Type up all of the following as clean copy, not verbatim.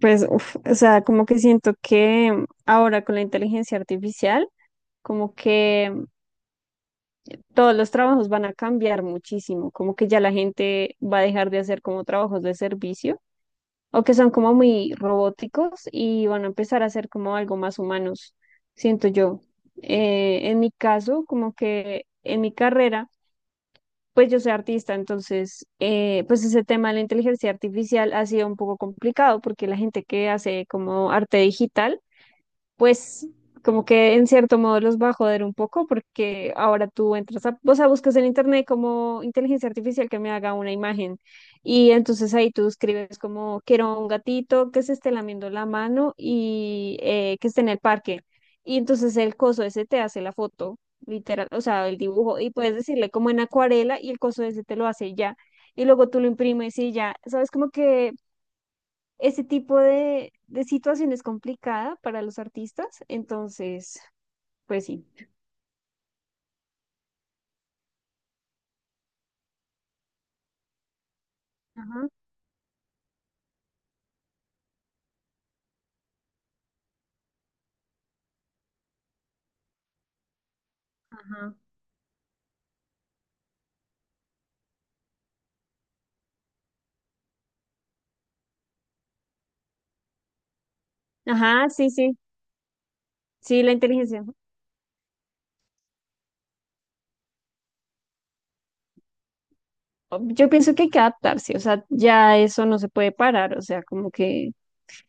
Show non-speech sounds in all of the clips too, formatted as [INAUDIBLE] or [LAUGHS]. Pues, uf, o sea, como que siento que ahora con la inteligencia artificial, como que todos los trabajos van a cambiar muchísimo, como que ya la gente va a dejar de hacer como trabajos de servicio o que son como muy robóticos y van a empezar a hacer como algo más humanos, siento yo. En mi caso, como que en mi carrera, pues yo soy artista, entonces, pues ese tema de la inteligencia artificial ha sido un poco complicado porque la gente que hace como arte digital, pues como que en cierto modo los va a joder un poco porque ahora tú entras a, o sea, buscas en internet como inteligencia artificial que me haga una imagen y entonces ahí tú escribes como quiero un gatito que se esté lamiendo la mano y que esté en el parque y entonces el coso ese te hace la foto literal, o sea, el dibujo y puedes decirle como en acuarela y el coso ese te lo hace ya. Y luego tú lo imprimes y ya, sabes como que ese tipo de situación es complicada para los artistas, entonces, pues sí. Ajá, ajá. Ajá, sí, sí, sí, la inteligencia. Yo pienso que hay que adaptarse, o sea, ya eso no se puede parar, o sea, como que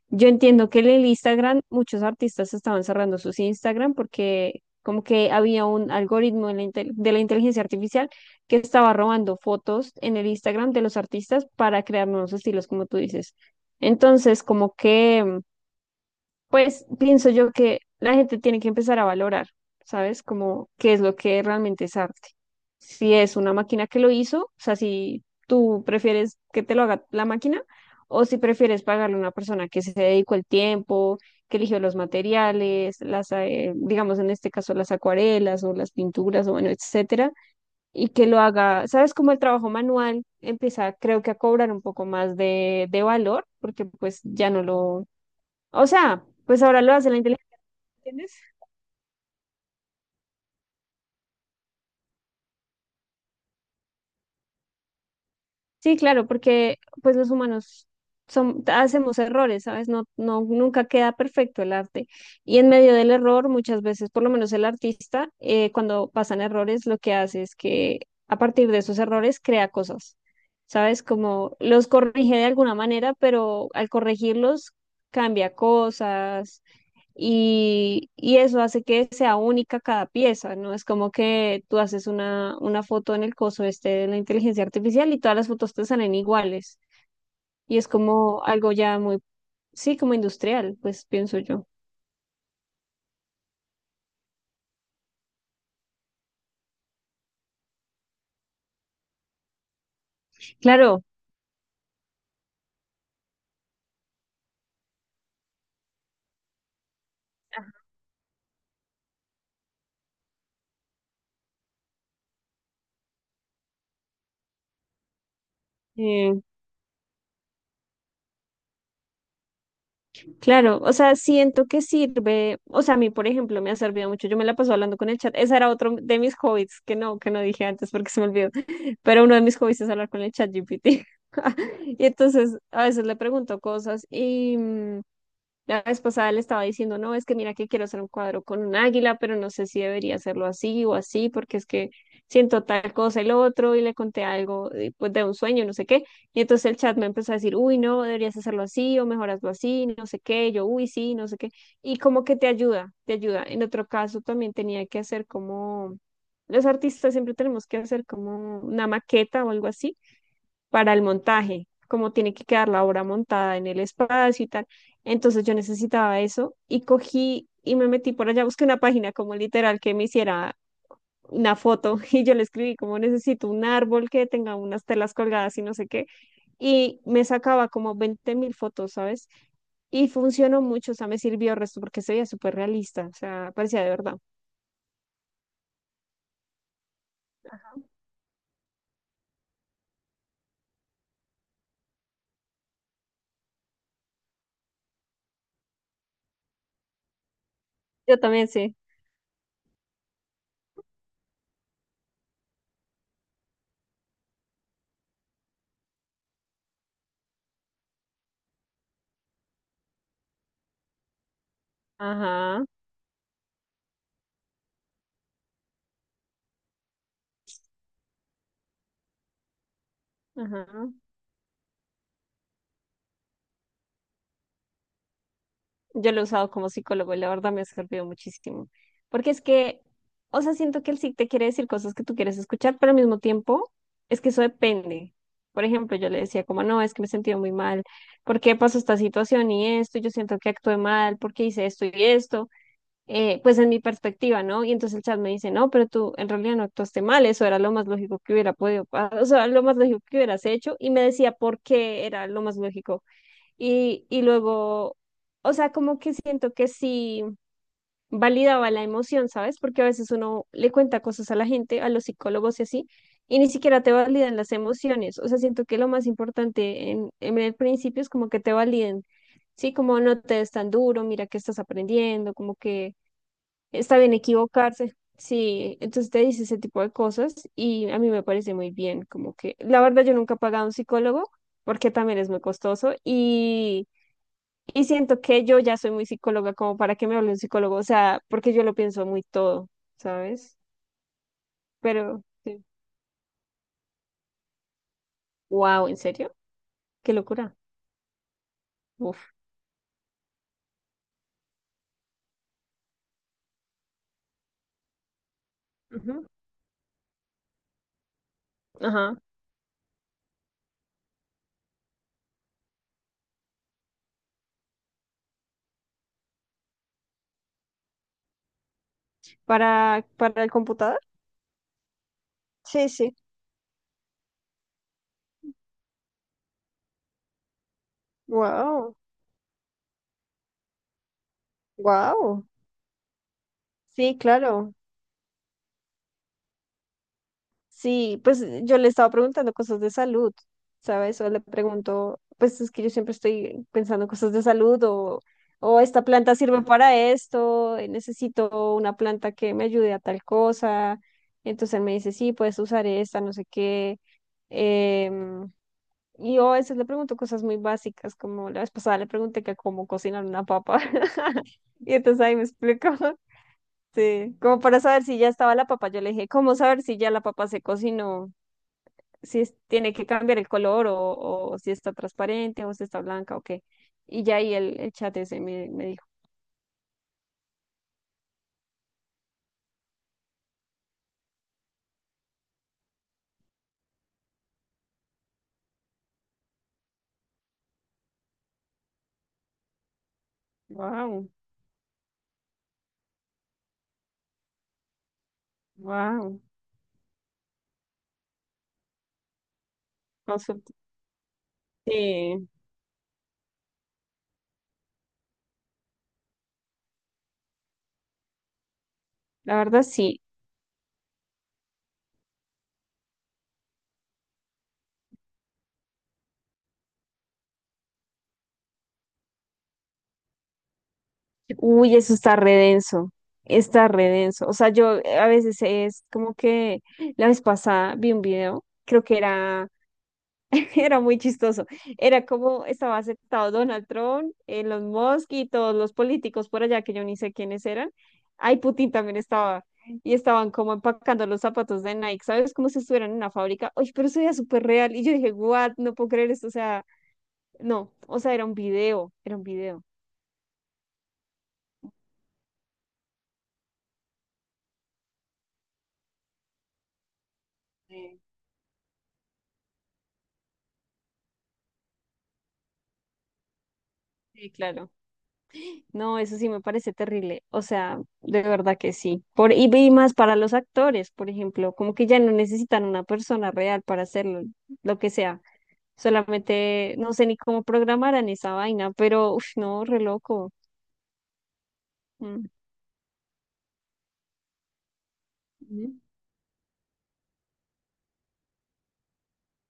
yo entiendo que en el Instagram, muchos artistas estaban cerrando sus Instagram porque como que había un algoritmo de la inteligencia artificial que estaba robando fotos en el Instagram de los artistas para crear nuevos estilos, como tú dices. Entonces, como que pues pienso yo que la gente tiene que empezar a valorar, ¿sabes? Como qué es lo que realmente es arte. Si es una máquina que lo hizo, o sea, si tú prefieres que te lo haga la máquina o si prefieres pagarle a una persona que se dedicó el tiempo, que eligió los materiales, las, digamos en este caso las acuarelas o las pinturas o bueno, etcétera, y que lo haga, ¿sabes? Como el trabajo manual empieza, creo que a cobrar un poco más de valor, porque pues ya no lo, o sea, pues ahora lo hace la inteligencia, ¿entiendes? Sí, claro, porque pues los humanos son, hacemos errores, ¿sabes? No, no, nunca queda perfecto el arte. Y en medio del error, muchas veces, por lo menos el artista, cuando pasan errores, lo que hace es que a partir de esos errores crea cosas, ¿sabes? Como los corrige de alguna manera, pero al corregirlos cambia cosas y eso hace que sea única cada pieza, ¿no? Es como que tú haces una foto en el coso este de la inteligencia artificial y todas las fotos te salen iguales. Y es como algo ya muy, sí, como industrial, pues pienso yo. Claro. Ajá. eh, Claro, o sea, siento que sirve, o sea, a mí, por ejemplo, me ha servido mucho, yo me la paso hablando con el chat, ese era otro de mis hobbies, que no dije antes porque se me olvidó, [LAUGHS] pero uno de mis hobbies es hablar con el chat GPT, [LAUGHS] y entonces a veces le pregunto cosas y la vez pasada le estaba diciendo, no, es que mira que quiero hacer un cuadro con un águila, pero no sé si debería hacerlo así o así, porque es que siento tal cosa y lo otro, y le conté algo pues, de un sueño, no sé qué. Y entonces el chat me empezó a decir, uy, no, deberías hacerlo así, o mejor hazlo así, no sé qué, yo, uy, sí, no sé qué. Y como que te ayuda, te ayuda. En otro caso también tenía que hacer como, los artistas siempre tenemos que hacer como una maqueta o algo así para el montaje, como tiene que quedar la obra montada en el espacio y tal. Entonces yo necesitaba eso y cogí y me metí por allá, busqué una página como literal que me hiciera una, foto [LAUGHS] y yo le escribí como necesito un árbol que tenga unas telas colgadas y no sé qué. Y me sacaba como 20.000 fotos, ¿sabes? Y funcionó mucho, o sea, me sirvió el resto porque se veía súper realista, o sea, parecía de verdad. Yo también sí. Ajá, ajá. Yo lo he usado como psicólogo y la verdad me ha servido muchísimo. Porque es que, o sea, siento que él sí te quiere decir cosas que tú quieres escuchar, pero al mismo tiempo es que eso depende. Por ejemplo, yo le decía como, no, es que me he sentido muy mal, ¿por qué pasó esta situación y esto? Yo siento que actué mal, ¿por qué hice esto y esto? Pues en mi perspectiva, ¿no? Y entonces el chat me dice, no, pero tú en realidad no actuaste mal, eso era lo más lógico que hubiera podido, pa- o sea, lo más lógico que hubieras hecho, y me decía por qué era lo más lógico y luego, o sea, como que siento que sí validaba la emoción, ¿sabes? Porque a veces uno le cuenta cosas a la gente, a los psicólogos y así, y ni siquiera te validan las emociones. O sea, siento que lo más importante en el principio es como que te validen, ¿sí? Como no te des tan duro, mira que estás aprendiendo, como que está bien equivocarse. Sí, entonces te dice ese tipo de cosas y a mí me parece muy bien, como que la verdad yo nunca he pagado a un psicólogo porque también es muy costoso y... Y siento que yo ya soy muy psicóloga como para que me hable un psicólogo, o sea, porque yo lo pienso muy todo, ¿sabes? Pero, wow, ¿en serio? Qué locura. Uf. Ujú. Ajá. Para el computador? Sí, sí. Wow, wow. Sí, claro. Sí, pues yo le estaba preguntando cosas de salud, ¿sabes? O le pregunto, pues es que yo siempre estoy pensando cosas de salud o esta planta sirve para esto, necesito una planta que me ayude a tal cosa. Entonces él me dice, sí, puedes usar esta, no sé qué. Em, y yo a veces le pregunto cosas muy básicas, como la vez pasada le pregunté que cómo cocinar una papa. [LAUGHS] Y entonces ahí me explicó, [LAUGHS] sí, como para saber si ya estaba la papa, yo le dije, ¿cómo saber si ya la papa se cocinó? Si es- tiene que cambiar el color o si está transparente o si está blanca o qué. Y ya ahí el chat ese me dijo, wow, wow, sí, la verdad sí. Uy, eso está re denso, está re denso. O sea, yo a veces es como que la vez pasada vi un video, creo que era [LAUGHS] era muy chistoso. Era como estaba aceptado Donald Trump, los Musk y todos los políticos por allá que yo ni sé quiénes eran. Ay, Putin también estaba. Y estaban como empacando los zapatos de Nike, ¿sabes? Como si estuvieran en una fábrica. Oye, pero eso era súper real. Y yo dije, what, no puedo creer esto. O sea, no, o sea, era un video, era un video. Sí. Sí, claro. No, eso sí me parece terrible. O sea, de verdad que sí. Y más para los actores, por ejemplo, como que ya no necesitan una persona real para hacerlo, lo que sea. Solamente no sé ni cómo programarán esa vaina, pero uff, no, re loco.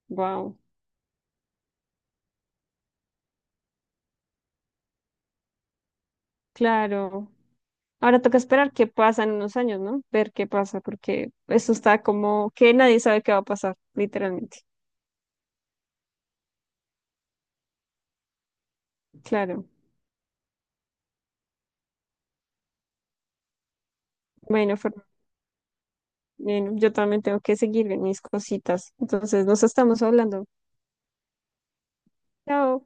Wow, claro. Ahora toca esperar qué pasa en unos años, ¿no? Ver qué pasa, porque eso está como que nadie sabe qué va a pasar, literalmente. Claro. Bueno, bueno, yo también tengo que seguir en mis cositas. Entonces, nos estamos hablando. Chao.